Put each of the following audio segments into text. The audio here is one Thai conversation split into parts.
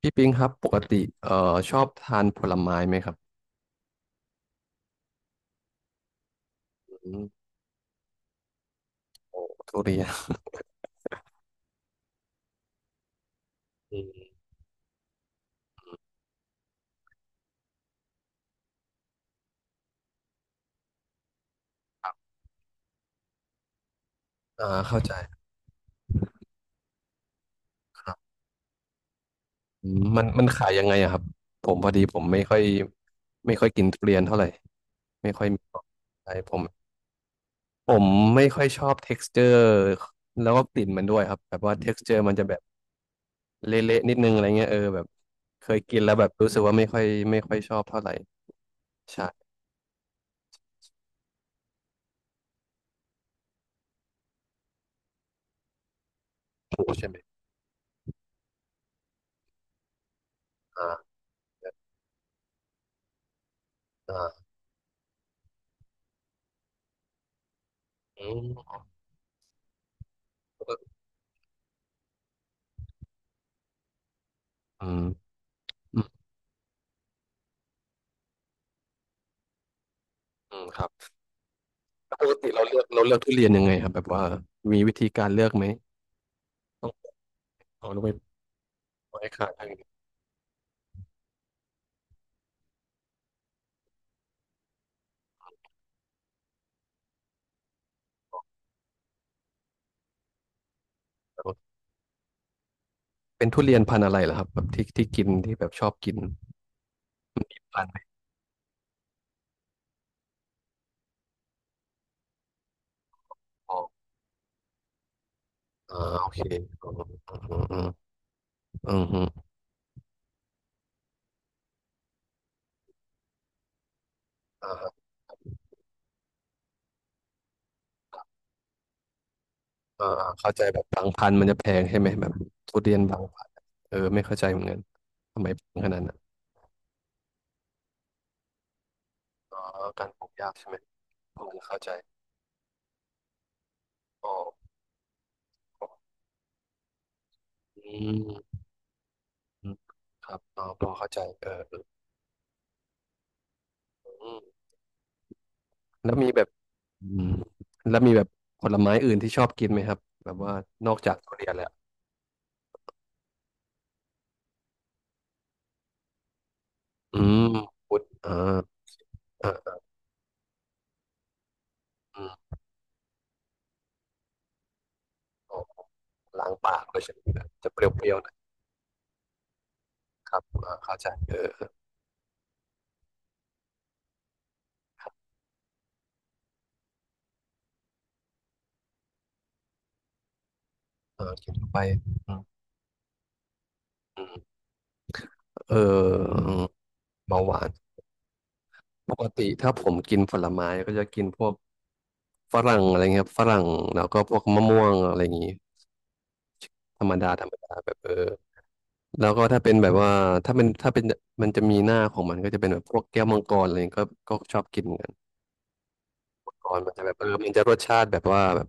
พี่ปิงครับปกติเอ่อชอบทานผลไม้ไหมครับอืมโอ้ทุเรียนอืมอ่าเข้าใจครับอืมมันขายยังไงอะครับผมพอดีผมไม่ค่อยกินทุเรียนเท่าไหร่ไม่ค่อยมีความใช่ผมผมไม่ค่อยชอบ texture แล้วก็กลิ่นมันด้วยครับแบบว่า texture มันจะแบบเละๆนิดนึงอะไรเงี้ยเออแบบเคยกินแล้วแบบรู้สึกว่าไม่ค่อยชอบเท่าไหร่ใช่ถูกใช่ไหมอ่าอ่าอืมอืมอืมอืมครับ ปกติเราเลือกทุเรียนยังไงครับแบบว่ามีวิธีการเลือกไหมต้องเอาลงไปปล่อยให้ขายอะไรอย่างเงี้ยเป็นทุเรียนพันธุ์อะไรเหรอครับแบบที่ที่กินที่แบบชอบกินร้านไหนพออ่าโอเคอืมอืมอืมอืมอืมอ่าอ่าเข้าใจแบบบางพันธุ์มันจะแพงใช่ไหมแบบทุเรียนบางพันธุ์เออไม่เข้าใจเหมือนกันทำไมแพงขนาดนั้นอ๋อการปลูกยากใช่ไหมผมเข้าใจอ๋ออออืมอืมครับอ๋อพอเข้าใจเอออืมแล้วมีแบบ อืมแล้วมีแบบผลไม้อื่นที่ชอบกินไหมครับแบบว่านอกจากทุเรียนแล้วอืมพุดอ่าอ่าอืมออกล้างปากเลยใช่ไหมแบบจะเปรี้ยวๆหนะครับอ่าเข้าใจเออเออกินเข้าไปอืมอืมเออเบาหวานปกติถ้าผมกินผลไม้ก็จะกินพวกฝรั่งอะไรเงี้ยครับฝรั่งแล้วก็พวกมะม่วงอะไรอย่างงี้ธรรมดาแบบเออ แล้วก็ถ้าเป็นแบบว่าถ้าเป็นมันจะมีหน้าของมันก็จะเป็นแบบพวกแก้วมังกรอะไรเงี้ยก็ชอบกินเหมือนกันมังกรมันจะแบบเออมันจะรสชาติแบบว่าแบบ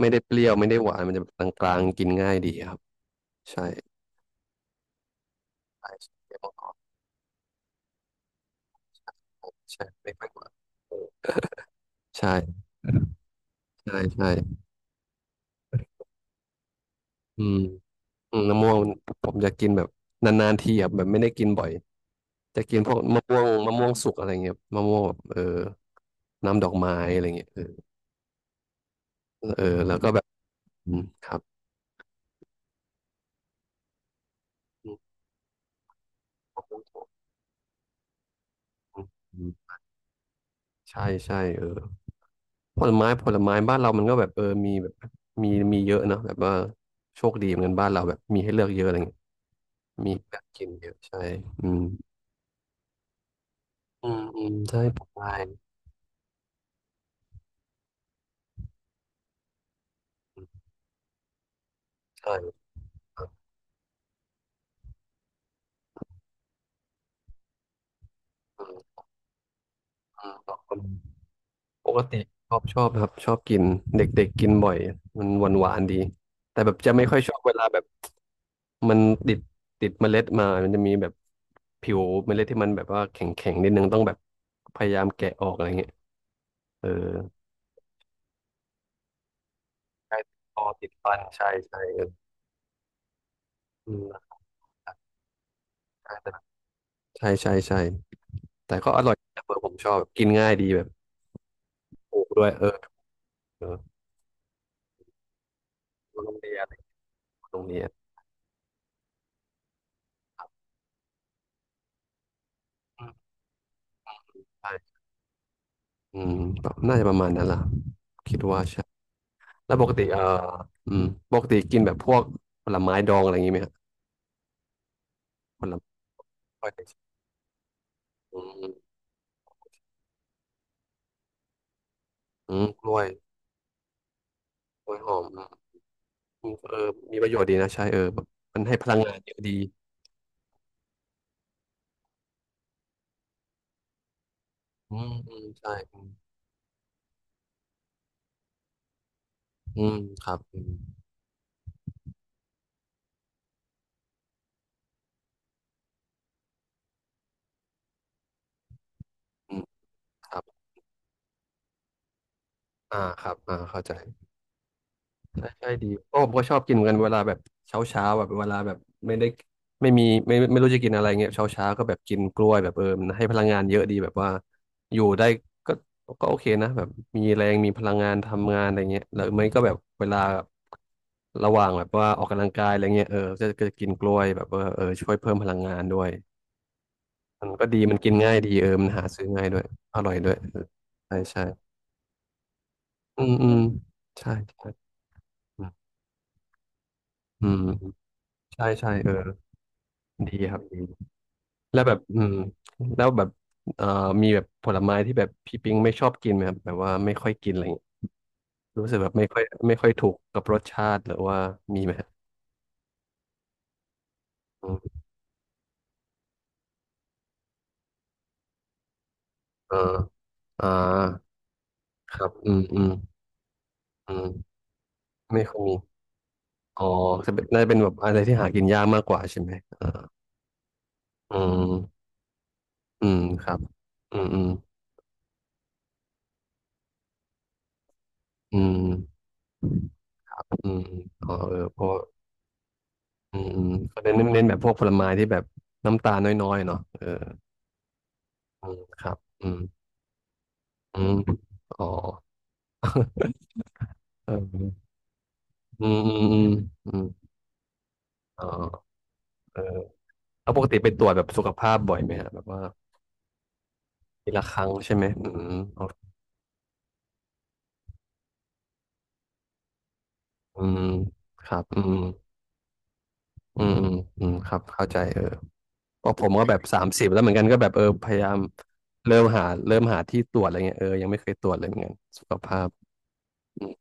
ไม่ได้เปรี้ยวไม่ได้หวานมันจะกลางๆกินง่ายดีครับใช่ใช่แก้วมังกรใช่ไม่แพงกว่าใช่ใช่ใช่อืมอืมมะม่วงผมจะกินแบบนานๆทีครับแบบไม่ได้กินบ่อยจะกินพวกมะม่วงมะม่วงสุกอะไรเงี้ยมะม่วงแบบเออน้ำดอกไม้อะไรเงี้ยเออเออแล้วก็แบบอืมครับ อืมใช่ใช่เออผลไม้ผลไม้บ้านเรามันก็แบบเออมีแบบมีมีเยอะเนอะแบบว่าโชคดีเหมือนกันบ้านเราแบบมีให้เลือกเยอะอะไรเงี้ยมีให้เลือกกินเยอะใช่อืมอืมอืมใช่ผลไม้อืมใช่ครับอืมอืมขอบคุณปกติชอบชอบครับชอบกินเด็กๆกินบ่อยมันหวานหวานดีแต่แบบจะไม่ค่อยชอบเวลาแบบมันติดติดเมล็ดมามันจะมีแบบผิวเมล็ดที่มันแบบว่าแข็งแข็งนิดนึงต้องแบบพยายามแกะออกอะไรเงี้ย เออใช่คอติดฟันใช่ใช่เอออืมใช่ใช่ใช่แต่ก็อร่อยแตเบอร์ผมชอบแบบกินง่ายดีแบบถูกด้วยเออเออโรงเรียนโรงเรียนอืมใช่อืมน่าจะประมาณนั้นล่ะคิดว่าใช่แล้วปกติเอออืมปกติกินแบบพวกผลไม้ดองอะไรอย่างงี้ไหมครับผลไม้กล้วยอืมอืมกล้วยกล้วยหอมอืมเออมีประโยชน์ดีนะใช่เออแบบมันให้พลังงานเยอะดีอืมอืมใช่อืมอืมครับอืมอืมครับ อ่าครับอ่าเข้าใจใช่ใช่ดีโอ้ผมก็ชอบกินเหมือนกันเวลาแบบเช้าเช้าแบบเวลาแบบไม่ได้ไม่มีไม่ไม่รู้จะกินอะไรเงี้ยเช้าเช้าก็แบบกินกล้วยแบบเออมันให้พลังงานเยอะดีแบบว่าอยู่ได้ก็ก็โอเคนะแบบมีแรงมีพลังงานทำงานอะไรเงี้ยหรือไม่ก็แบบเวลาระหว่างแบบว่าออกกำลังกายอะไรเงี้ยเออก็จะกินกล้วยแบบว่าเออช่วยเพิ่มพลังงานด้วยมันก็ดีมันกินง่ายดีเออมันหาซื้อง่ายด้วยอร่อยด้วยเออใช่ใช่อืมอืมใช่ใช่อืมอืม ใช่ใช่เออดีครับดีแล้วแบบอืมแล้วแบบเอ่อมีแบบผลไม้ที่แบบพี่ปิงไม่ชอบกินไหมครับแบบว่าไม่ค่อยกินอะไรอย่างเงี้ยรู้สึกแบบไม่ค่อยถูกกับรสชาติหรือว่ามีไหมครับอืมเอออ่าครับอืมอืมอืมไม่ค่อยมีอ๋อจะเป็นน่าจะเป็นแบบอะไรที่หากินยากมากกว่าใช่ไหมอ่าอืมอืมครับอืมอืมอืมอืมอ๋อเออเพราะว่าอืมอืมเขาเน้นแบบพวกผลไม้ที่แบบน้ำตาลน้อยๆเนาะเออ อืมครับอืมอืมอ๋อเอออืมอืมอืมอืมอ๋อเออแล้วปกติไปตรวจแบบสุขภาพบ่อยไหมฮะแบบว่าปีละครั้งใช่ไหมอืมอ๋ออืมครับอืมอืมอืมครับเข้าใจเออเพราะผมก็แบบ30แล้วเหมือนกันก็แบบเออพยายามเริ่มหาที่ตรวจอะไรเงี้ยเออยังไม่เคยตรวจเลยเหมือนกันสุขภาพอืม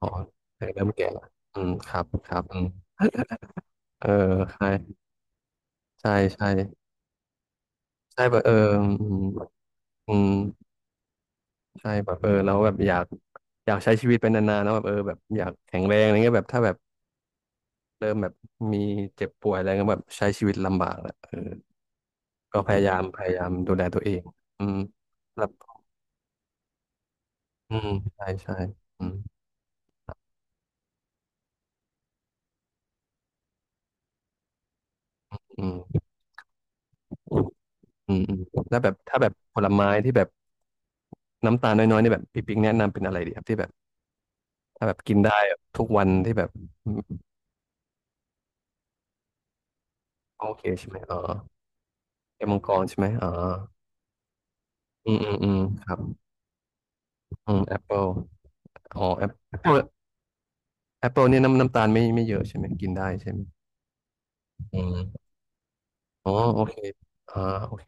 อ๋อแต่เริ่มแก่ละอืมครับครับอืมเออใช่ใช่ใช่ใช่ป่ะเอออืมอืม ใช่แบบเออเราแบบอยากอยากใช้ชีวิตไปนานๆนะแบบเออแบบอยากแข็งแรงอะไรเงี้ยแบบถ้าแบบเริ่มแบบมีเจ็บป่วยอะไรเงี้ยแบบใช้ชีวิตลำบากแหละเออก็พยายามพยายามดูแลตัวเองอืมแล้วอืมใช่ใช่อืมอืมอืมอืมแล้วแบบถ้าแบบผลไม้ที่แบบน้ำตาลน้อยๆนี่แบบพี่ปิ๊กแนะนำเป็นอะไรดีครับที่แบบถ้าแบบกินได้ทุกวันที่แบบอืมโอเคใช่ไหมอ๋อแก้วมังกรใช่ไหมอ๋ออืมอืมอืมครับอืมแอปเปิลอ๋อแอปเปิล แอปเปิลเนี่ยน้ำตาลไม่เยอะใช่ไหมกินได้ใช่ไหมอืมอ๋อโอเคอ่าโอเค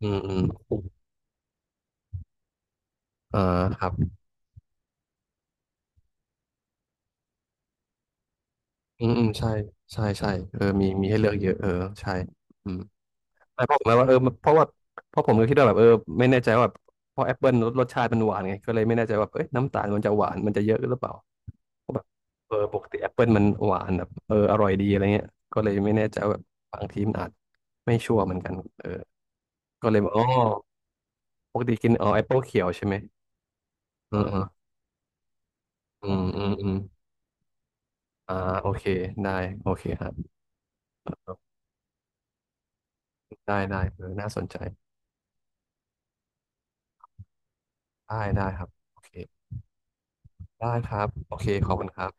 อืมอืมอ่าครับอืมอืมใช่ใช่ใช่เออมีมีให้เลือกเยอะเออใช่อืมแต่พอผมแล้วว่าเออเพราะว่าเพราะผมก็คิดว่าแบบเออไม่แน่ใจว่าแบบเพราะแอปเปิลรสชาติมันหวานไงก็เลยไม่แน่ใจว่าเอ้ยน้ำตาลมันจะหวานมันจะเยอะหรือเปล่าเพราะแบบเออปกติแอปเปิลมันหวานแบบเอออร่อยดีอะไรเงี้ยก็เลยไม่แน่ใจว่าแบบบางทีมันอาจไม่ชัวร์เหมือนกันเออก็เลยบอกอ๋อปกติกินอ๋อแอปเปิลเขียวใช่ไหม อืมอืมอืมอืมอ่าโอเคได้โอเคครับได้ได้เออน่าสนใจได้ได้ครับโอเคได้ครับโอเคขอบคุณครับ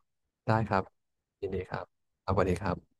ได้ครับยินดีครับครับสวัสดีครับ